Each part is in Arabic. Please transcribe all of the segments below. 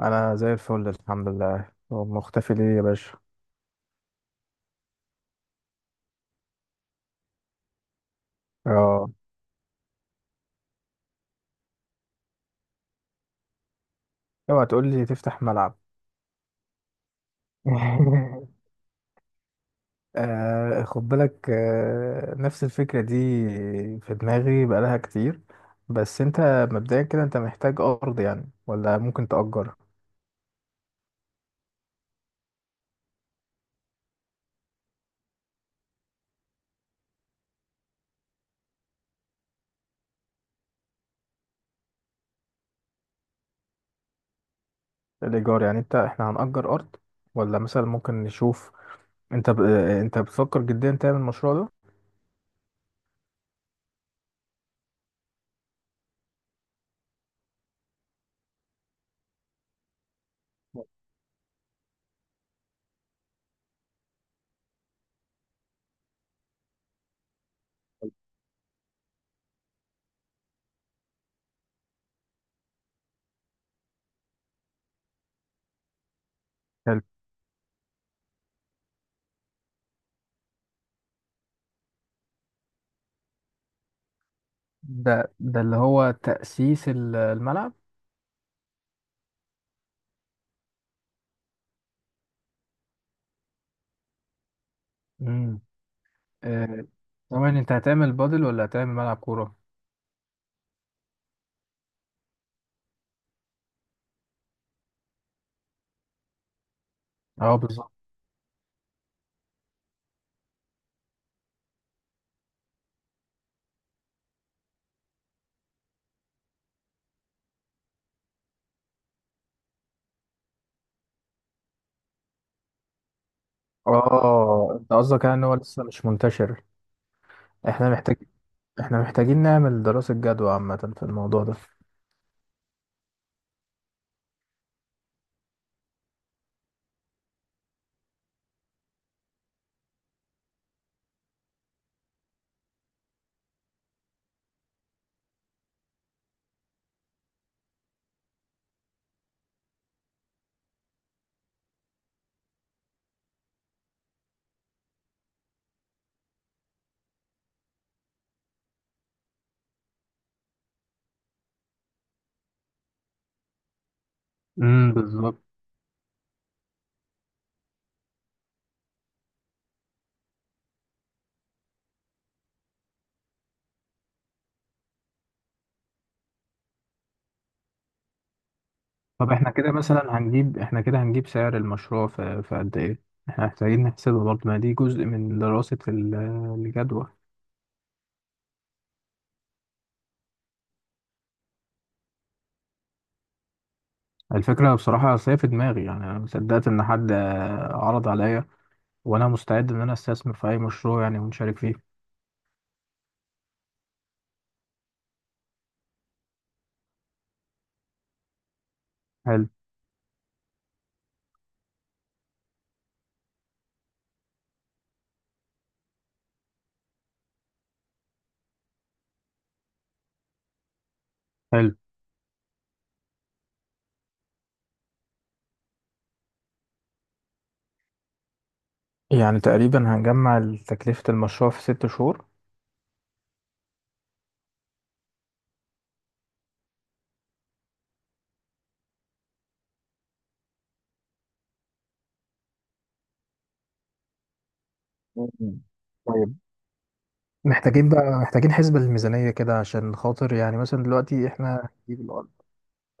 انا زي الفل، الحمد لله. هو مختفي ليه يا باشا؟ اه، اوعى تقول لي تفتح ملعب. خد بالك، نفس الفكرة دي في دماغي بقالها كتير. بس انت مبدئيا كده انت محتاج ارض يعني، ولا ممكن تأجر؟ الايجار يعني؟ احنا هنأجر ارض، ولا مثلا ممكن نشوف؟ انت ب... آه، انت بتفكر جديا تعمل المشروع ده؟ حلو. ده اللي هو تأسيس الملعب. مم. آه، ثواني، انت هتعمل بادل ولا هتعمل ملعب كورة؟ اه بالظبط. اه، انت قصدك يعني ان هو لسه مش منتشر. احنا محتاج احنا محتاجين نعمل دراسة جدوى عامة في الموضوع ده. امم، بالظبط. طب احنا كده مثلا هنجيب، احنا كده هنجيب سعر المشروع في قد ايه؟ احنا محتاجين نحسبه برضه، ما دي جزء من دراسة الجدوى. الفكرة بصراحة، أصل هي في دماغي يعني، أنا ما صدقت إن حد عرض عليا. وأنا مستعد إن أنا أستثمر في أي مشروع يعني ونشارك فيه. حلو، حلو. يعني تقريبا هنجمع تكلفة المشروع في ست شهور. مم. طيب، محتاجين بقى، حسبة للميزانية كده عشان خاطر يعني مثلا دلوقتي احنا هنجيب الأرض.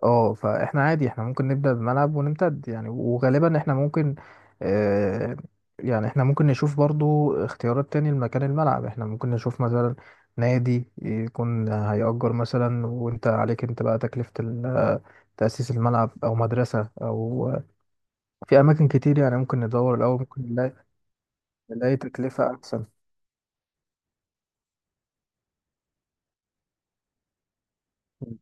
اه، فاحنا عادي، احنا ممكن نبدأ بملعب ونمتد يعني. وغالبا اه احنا ممكن نشوف برضو اختيارات تاني لمكان الملعب. احنا ممكن نشوف مثلا نادي يكون هيأجر مثلا، وانت عليك انت بقى تكلفة تأسيس الملعب، أو مدرسة، أو في أماكن كتير يعني. ممكن ندور الأول، ممكن نلاقي، تكلفة أحسن. مم.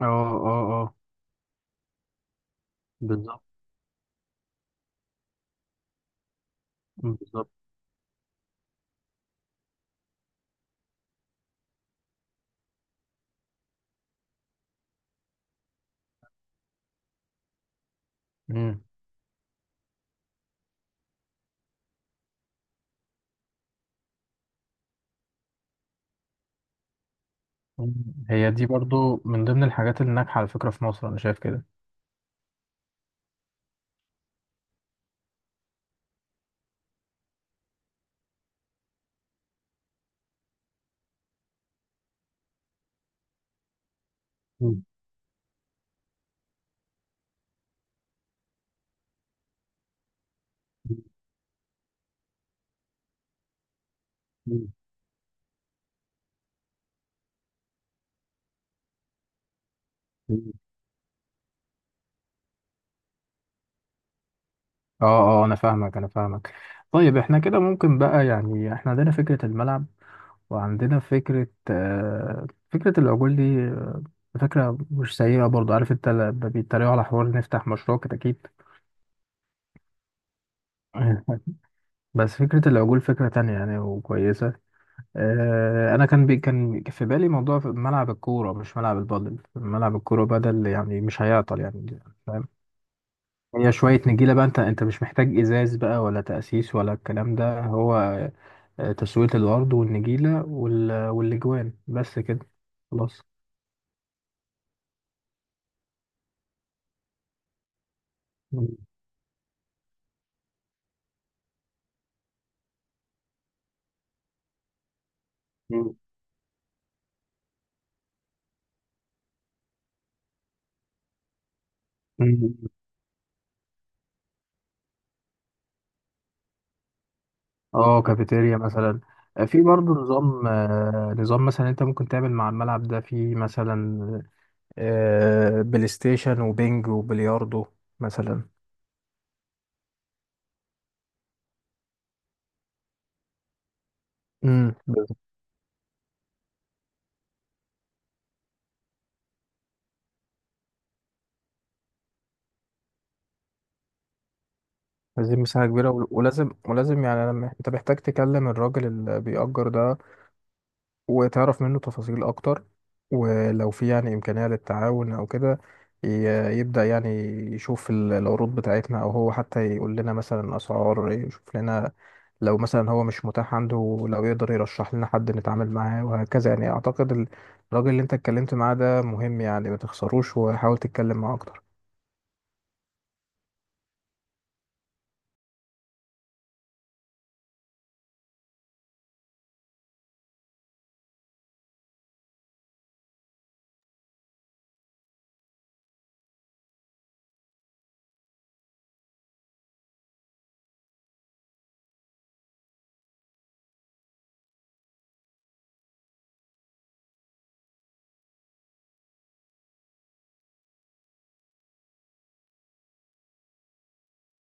اه، اه. اه بالظبط، بالظبط. مم. مم. هي دي برضو من ضمن الحاجات اللي ناجحة على فكرة في مصر، أنا شايف كده. مم. مم. مم. اه، اه. أنا فاهمك، أنا فاهمك. طيب، احنا كده ممكن بقى يعني احنا عندنا فكرة الملعب، وعندنا فكرة، آه، فكرة العجول دي. فكرة مش سيئة برضو. عارف انت لما بيتريقوا على حوار نفتح مشروع كتاكيت؟ بس فكرة العجول فكرة تانية يعني وكويسة. انا كان في بالي موضوع في ملعب الكوره، مش ملعب البادل، ملعب الكوره بدل يعني، مش هيعطل يعني. فاهم؟ هي شويه نجيله بقى، انت مش محتاج ازاز بقى، ولا تاسيس ولا الكلام ده. هو تسويه الارض والنجيله وال والاجوان، بس كده. خلاص. مم. مم. مم. اه، كافيتيريا مثلا. في برضه نظام، مثلا انت ممكن تعمل مع الملعب ده في مثلا، آه، بلاي ستيشن وبينج وبلياردو مثلا. امم. عايزين مساحة كبيرة، ولازم، يعني لما انت محتاج تكلم الراجل اللي بيأجر ده وتعرف منه تفاصيل أكتر، ولو في يعني إمكانية للتعاون أو كده، يبدأ يعني، يشوف العروض بتاعتنا، أو هو حتى يقول لنا مثلا أسعار، يشوف لنا لو مثلا هو مش متاح عنده، لو يقدر يرشح لنا حد نتعامل معاه، وهكذا يعني. أعتقد الراجل اللي انت اتكلمت معاه ده مهم يعني، ما تخسروش، وحاول تتكلم معاه أكتر.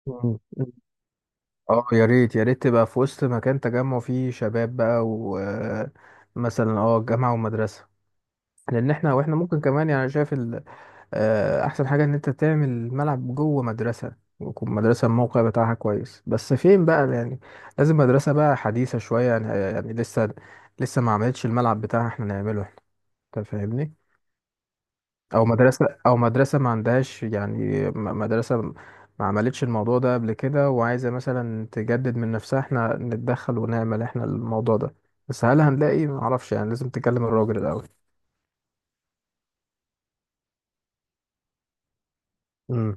مم. اه يا ريت، يا ريت تبقى في وسط مكان تجمع فيه شباب بقى، ومثلا اه جامعة ومدرسة. لان احنا، واحنا ممكن كمان يعني، شايف احسن حاجة ان انت تعمل ملعب جوه مدرسة، ويكون مدرسة الموقع بتاعها كويس. بس فين بقى يعني؟ لازم مدرسة بقى حديثة شوية يعني، يعني لسه، ما عملتش الملعب بتاعها، احنا نعمله احنا. انت فاهمني؟ او مدرسه، او مدرسه ما عندهاش يعني، مدرسه ما عملتش الموضوع ده قبل كده، وعايزه مثلا تجدد من نفسها، احنا نتدخل ونعمل احنا الموضوع ده. بس هل هنلاقي؟ ما اعرفش يعني، لازم تكلم الراجل الاول. امم.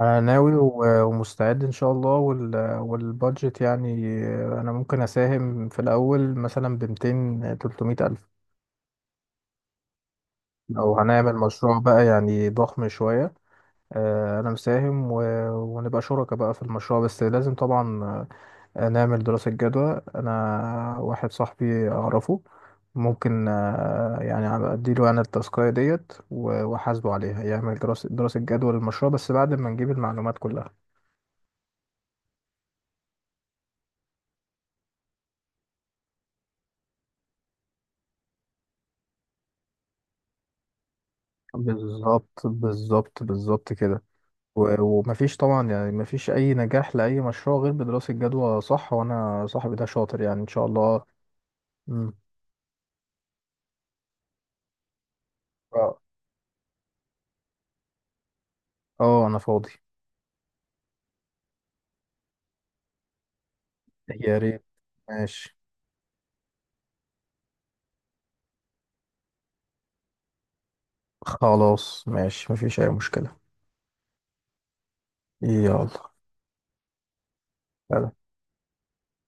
انا ناوي ومستعد ان شاء الله. والبادجت يعني، انا ممكن اساهم في الاول مثلا ب 200 300 الف، لو هنعمل مشروع بقى يعني ضخم شويه. انا مساهم، ونبقى شركاء بقى في المشروع. بس لازم طبعا نعمل دراسة جدوى. أنا واحد صاحبي أعرفه، ممكن، يعني أديله أنا التاسكاية ديت وأحاسبه عليها، يعمل دراسة، جدوى للمشروع، بس بعد ما نجيب المعلومات كلها. بالظبط، بالظبط، بالظبط كده. ومفيش طبعا يعني، مفيش أي نجاح لأي مشروع غير بدراسة جدوى، صح؟ وأنا صاحبي ده شاطر يعني إن شاء الله. مم. اه. أنا فاضي. يا ريت. ماشي. خلاص ماشي، مفيش أي مشكلة. يلا.